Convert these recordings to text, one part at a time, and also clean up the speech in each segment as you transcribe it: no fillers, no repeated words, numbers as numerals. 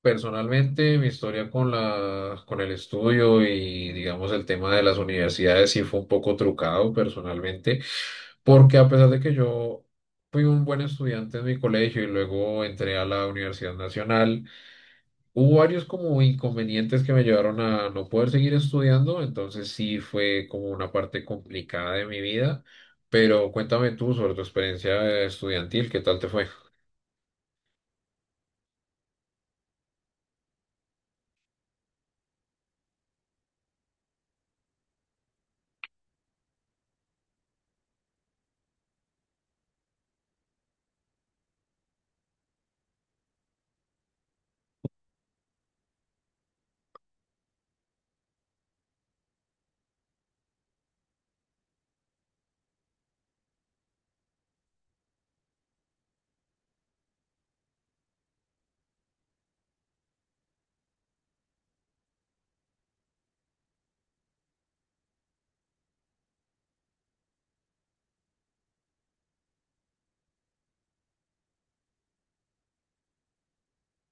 Personalmente, mi historia con la, con el estudio y, digamos, el tema de las universidades sí fue un poco trucado personalmente, porque a pesar de que yo fui un buen estudiante en mi colegio y luego entré a la Universidad Nacional, hubo varios como inconvenientes que me llevaron a no poder seguir estudiando, entonces sí fue como una parte complicada de mi vida, pero cuéntame tú sobre tu experiencia estudiantil, ¿qué tal te fue?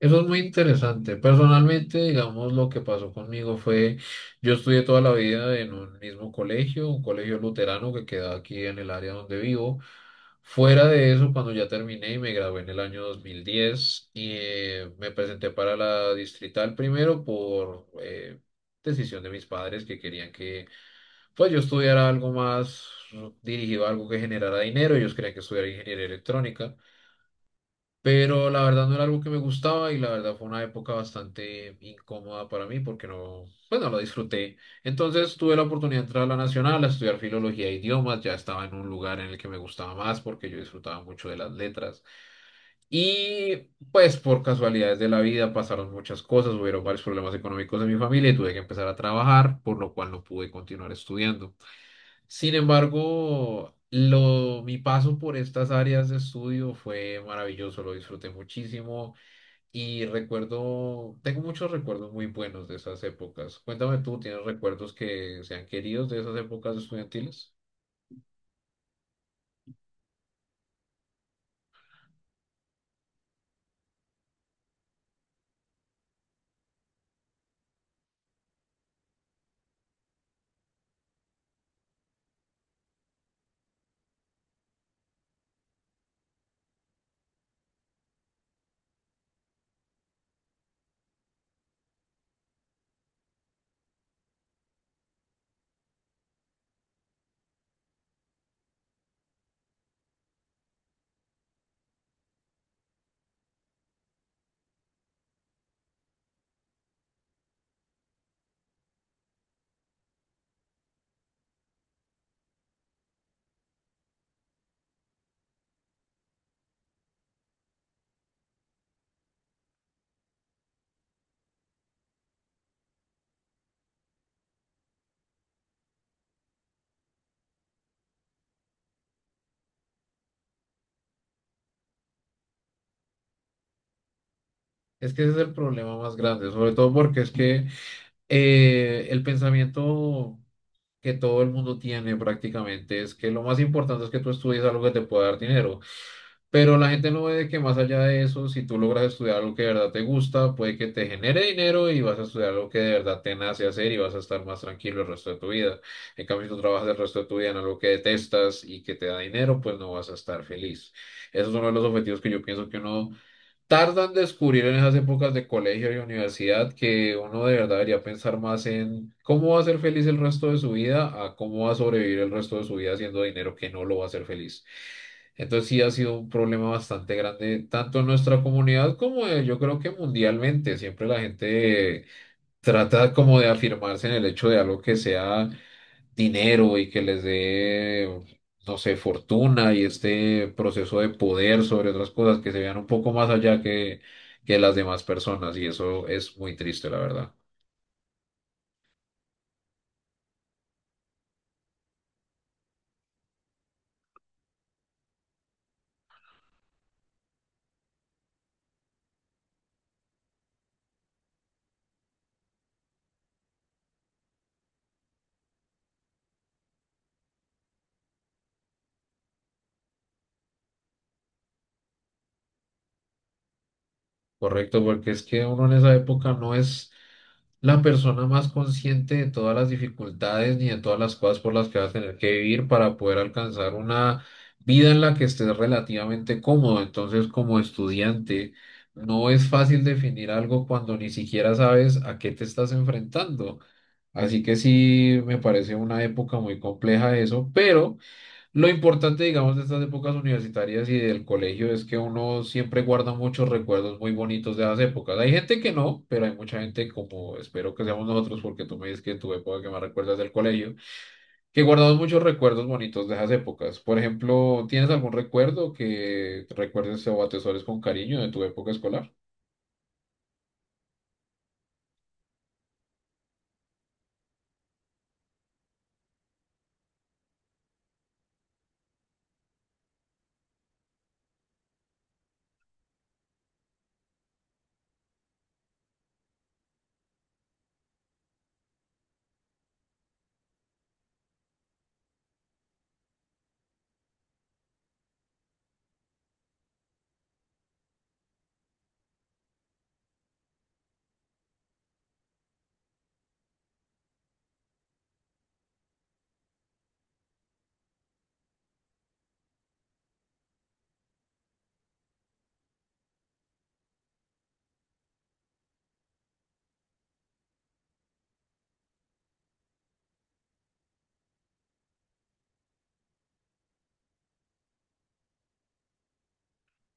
Eso es muy interesante. Personalmente, digamos, lo que pasó conmigo fue, yo estudié toda la vida en un mismo colegio, un colegio luterano que queda aquí en el área donde vivo. Fuera de eso, cuando ya terminé y me gradué en el año 2010 y me presenté para la distrital primero por decisión de mis padres que querían que pues yo estudiara algo más dirigido a algo que generara dinero. Ellos querían que estudiara ingeniería electrónica. Pero la verdad no era algo que me gustaba y la verdad fue una época bastante incómoda para mí porque no, pues no lo disfruté. Entonces tuve la oportunidad de entrar a la Nacional a estudiar filología e idiomas. Ya estaba en un lugar en el que me gustaba más porque yo disfrutaba mucho de las letras. Y pues por casualidades de la vida pasaron muchas cosas, hubieron varios problemas económicos en mi familia y tuve que empezar a trabajar, por lo cual no pude continuar estudiando. Sin embargo, mi paso por estas áreas de estudio fue maravilloso, lo disfruté muchísimo y tengo muchos recuerdos muy buenos de esas épocas. Cuéntame tú, ¿tienes recuerdos que sean queridos de esas épocas estudiantiles? Es que ese es el problema más grande, sobre todo porque es que el pensamiento que todo el mundo tiene prácticamente es que lo más importante es que tú estudies algo que te pueda dar dinero. Pero la gente no ve que más allá de eso, si tú logras estudiar algo que de verdad te gusta, puede que te genere dinero y vas a estudiar algo que de verdad te nace hacer y vas a estar más tranquilo el resto de tu vida. En cambio, si tú trabajas el resto de tu vida en algo que detestas y que te da dinero, pues no vas a estar feliz. Esos son los objetivos que yo pienso que uno tardan en descubrir en esas épocas de colegio y universidad que uno de verdad debería pensar más en cómo va a ser feliz el resto de su vida a cómo va a sobrevivir el resto de su vida haciendo dinero que no lo va a hacer feliz. Entonces sí ha sido un problema bastante grande, tanto en nuestra comunidad como yo creo que mundialmente. Siempre la gente trata como de afirmarse en el hecho de algo que sea dinero y que les dé, no sé, fortuna y este proceso de poder sobre otras cosas que se vean un poco más allá que las demás personas y eso es muy triste, la verdad. Correcto, porque es que uno en esa época no es la persona más consciente de todas las dificultades ni de todas las cosas por las que vas a tener que vivir para poder alcanzar una vida en la que estés relativamente cómodo. Entonces, como estudiante, no es fácil definir algo cuando ni siquiera sabes a qué te estás enfrentando. Así que sí, me parece una época muy compleja eso, pero... Lo importante, digamos, de estas épocas universitarias y del colegio es que uno siempre guarda muchos recuerdos muy bonitos de esas épocas. Hay gente que no, pero hay mucha gente, como espero que seamos nosotros, porque tú me dices que en tu época que más recuerdas del colegio, que guardamos muchos recuerdos bonitos de esas épocas. Por ejemplo, ¿tienes algún recuerdo que recuerdes o atesores con cariño de tu época escolar?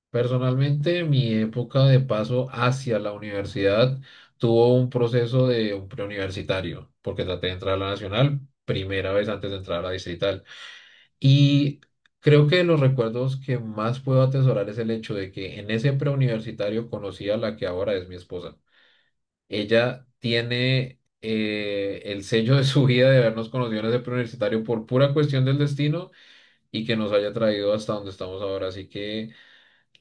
Personalmente, mi época de paso hacia la universidad tuvo un proceso de un preuniversitario, porque traté de entrar a la nacional primera vez antes de entrar a la distrital. Y creo que los recuerdos que más puedo atesorar es el hecho de que en ese preuniversitario conocí a la que ahora es mi esposa. Ella tiene el sello de su vida de habernos conocido en ese preuniversitario por pura cuestión del destino y que nos haya traído hasta donde estamos ahora. Así que...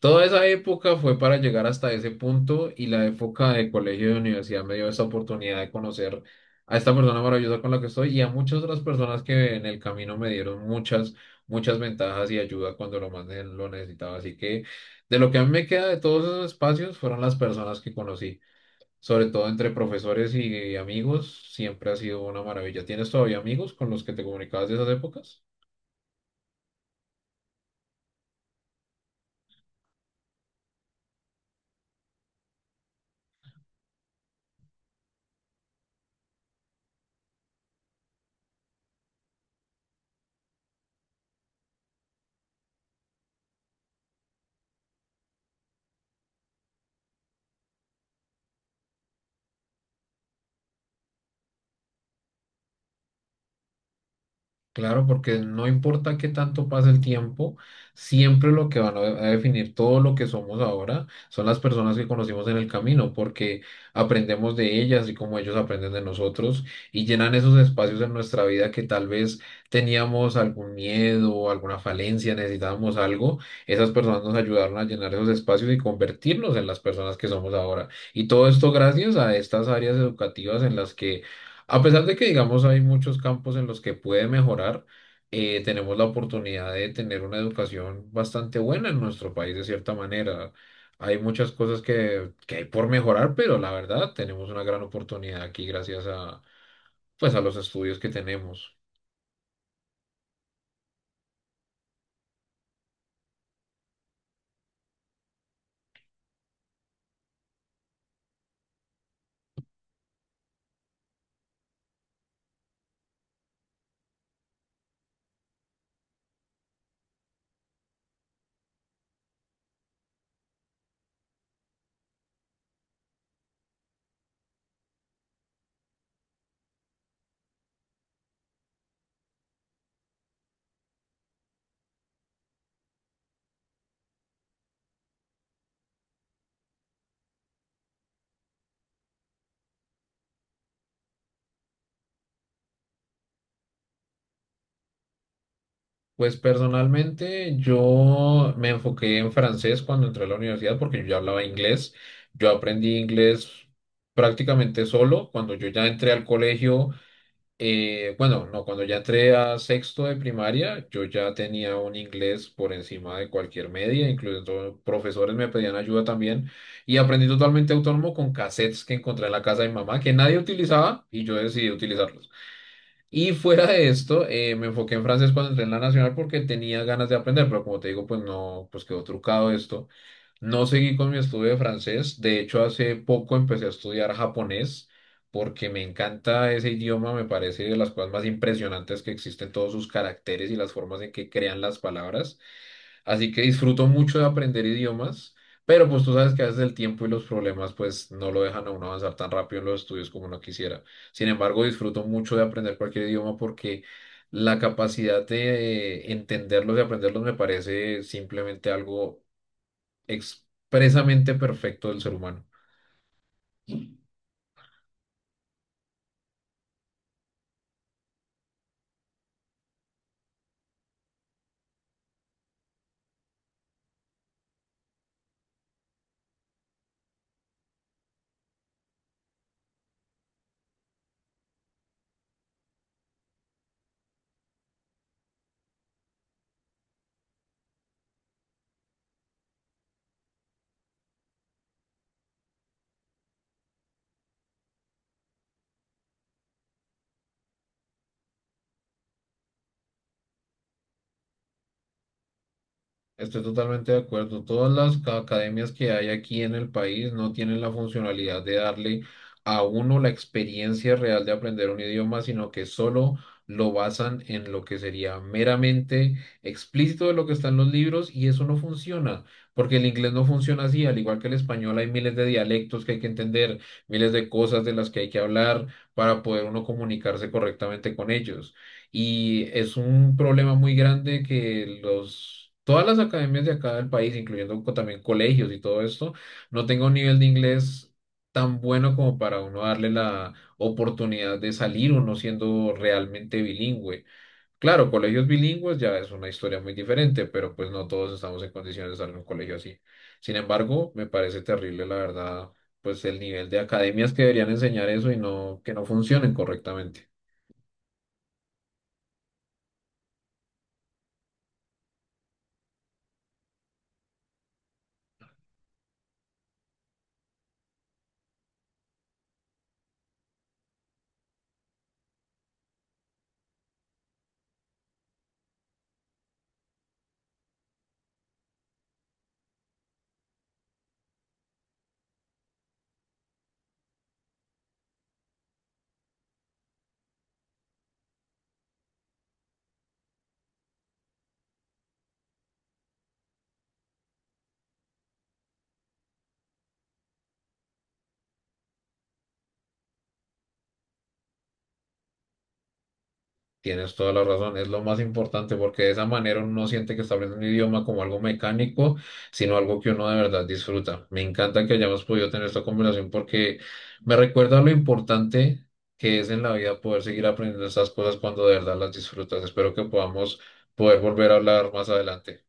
Toda esa época fue para llegar hasta ese punto y la época de colegio y de universidad me dio esa oportunidad de conocer a esta persona maravillosa con la que estoy y a muchas otras personas que en el camino me dieron muchas, muchas ventajas y ayuda cuando lo más lo necesitaba. Así que de lo que a mí me queda de todos esos espacios fueron las personas que conocí, sobre todo entre profesores y amigos, siempre ha sido una maravilla. ¿Tienes todavía amigos con los que te comunicabas de esas épocas? Claro, porque no importa qué tanto pase el tiempo, siempre lo que van a definir todo lo que somos ahora son las personas que conocimos en el camino, porque aprendemos de ellas y como ellos aprenden de nosotros y llenan esos espacios en nuestra vida que tal vez teníamos algún miedo, alguna falencia, necesitábamos algo. Esas personas nos ayudaron a llenar esos espacios y convertirnos en las personas que somos ahora. Y todo esto gracias a estas áreas educativas en las que a pesar de que, digamos, hay muchos campos en los que puede mejorar, tenemos la oportunidad de tener una educación bastante buena en nuestro país, de cierta manera. Hay muchas cosas que hay por mejorar, pero la verdad, tenemos una gran oportunidad aquí gracias a, pues, a los estudios que tenemos. Pues personalmente yo me enfoqué en francés cuando entré a la universidad porque yo ya hablaba inglés. Yo aprendí inglés prácticamente solo. Cuando yo ya entré al colegio, bueno, no, cuando ya entré a sexto de primaria, yo ya tenía un inglés por encima de cualquier media, incluso profesores me pedían ayuda también, y aprendí totalmente autónomo con cassettes que encontré en la casa de mi mamá, que nadie utilizaba, y yo decidí utilizarlos. Y fuera de esto, me enfoqué en francés cuando entré en la nacional porque tenía ganas de aprender, pero como te digo, pues no, pues quedó trucado esto. No seguí con mi estudio de francés, de hecho hace poco empecé a estudiar japonés porque me encanta ese idioma, me parece de las cosas más impresionantes que existen todos sus caracteres y las formas en que crean las palabras, así que disfruto mucho de aprender idiomas, pero pues tú sabes que a veces el tiempo y los problemas pues no lo dejan a uno avanzar tan rápido en los estudios como uno quisiera. Sin embargo, disfruto mucho de aprender cualquier idioma porque la capacidad de entenderlos y aprenderlos me parece simplemente algo expresamente perfecto del ser humano. Estoy totalmente de acuerdo. Todas las academias que hay aquí en el país no tienen la funcionalidad de darle a uno la experiencia real de aprender un idioma, sino que solo lo basan en lo que sería meramente explícito de lo que está en los libros y eso no funciona, porque el inglés no funciona así, al igual que el español hay miles de dialectos que hay que entender, miles de cosas de las que hay que hablar para poder uno comunicarse correctamente con ellos. Y es un problema muy grande que todas las academias de acá del país, incluyendo también colegios y todo esto, no tengan un nivel de inglés tan bueno como para uno darle la oportunidad de salir uno siendo realmente bilingüe. Claro, colegios bilingües ya es una historia muy diferente, pero pues no todos estamos en condiciones de salir a un colegio así. Sin embargo, me parece terrible, la verdad, pues el nivel de academias que deberían enseñar eso y no, que no funcionen correctamente. Tienes toda la razón, es lo más importante porque de esa manera uno no siente que está aprendiendo un idioma como algo mecánico, sino algo que uno de verdad disfruta. Me encanta que hayamos podido tener esta conversación porque me recuerda lo importante que es en la vida poder seguir aprendiendo estas cosas cuando de verdad las disfrutas. Espero que podamos poder volver a hablar más adelante.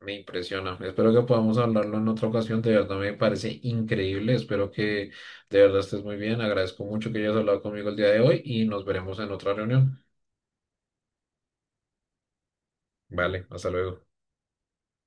Me impresiona. Espero que podamos hablarlo en otra ocasión. De verdad me parece increíble. Espero que de verdad estés muy bien. Agradezco mucho que hayas hablado conmigo el día de hoy y nos veremos en otra reunión. Vale, hasta luego.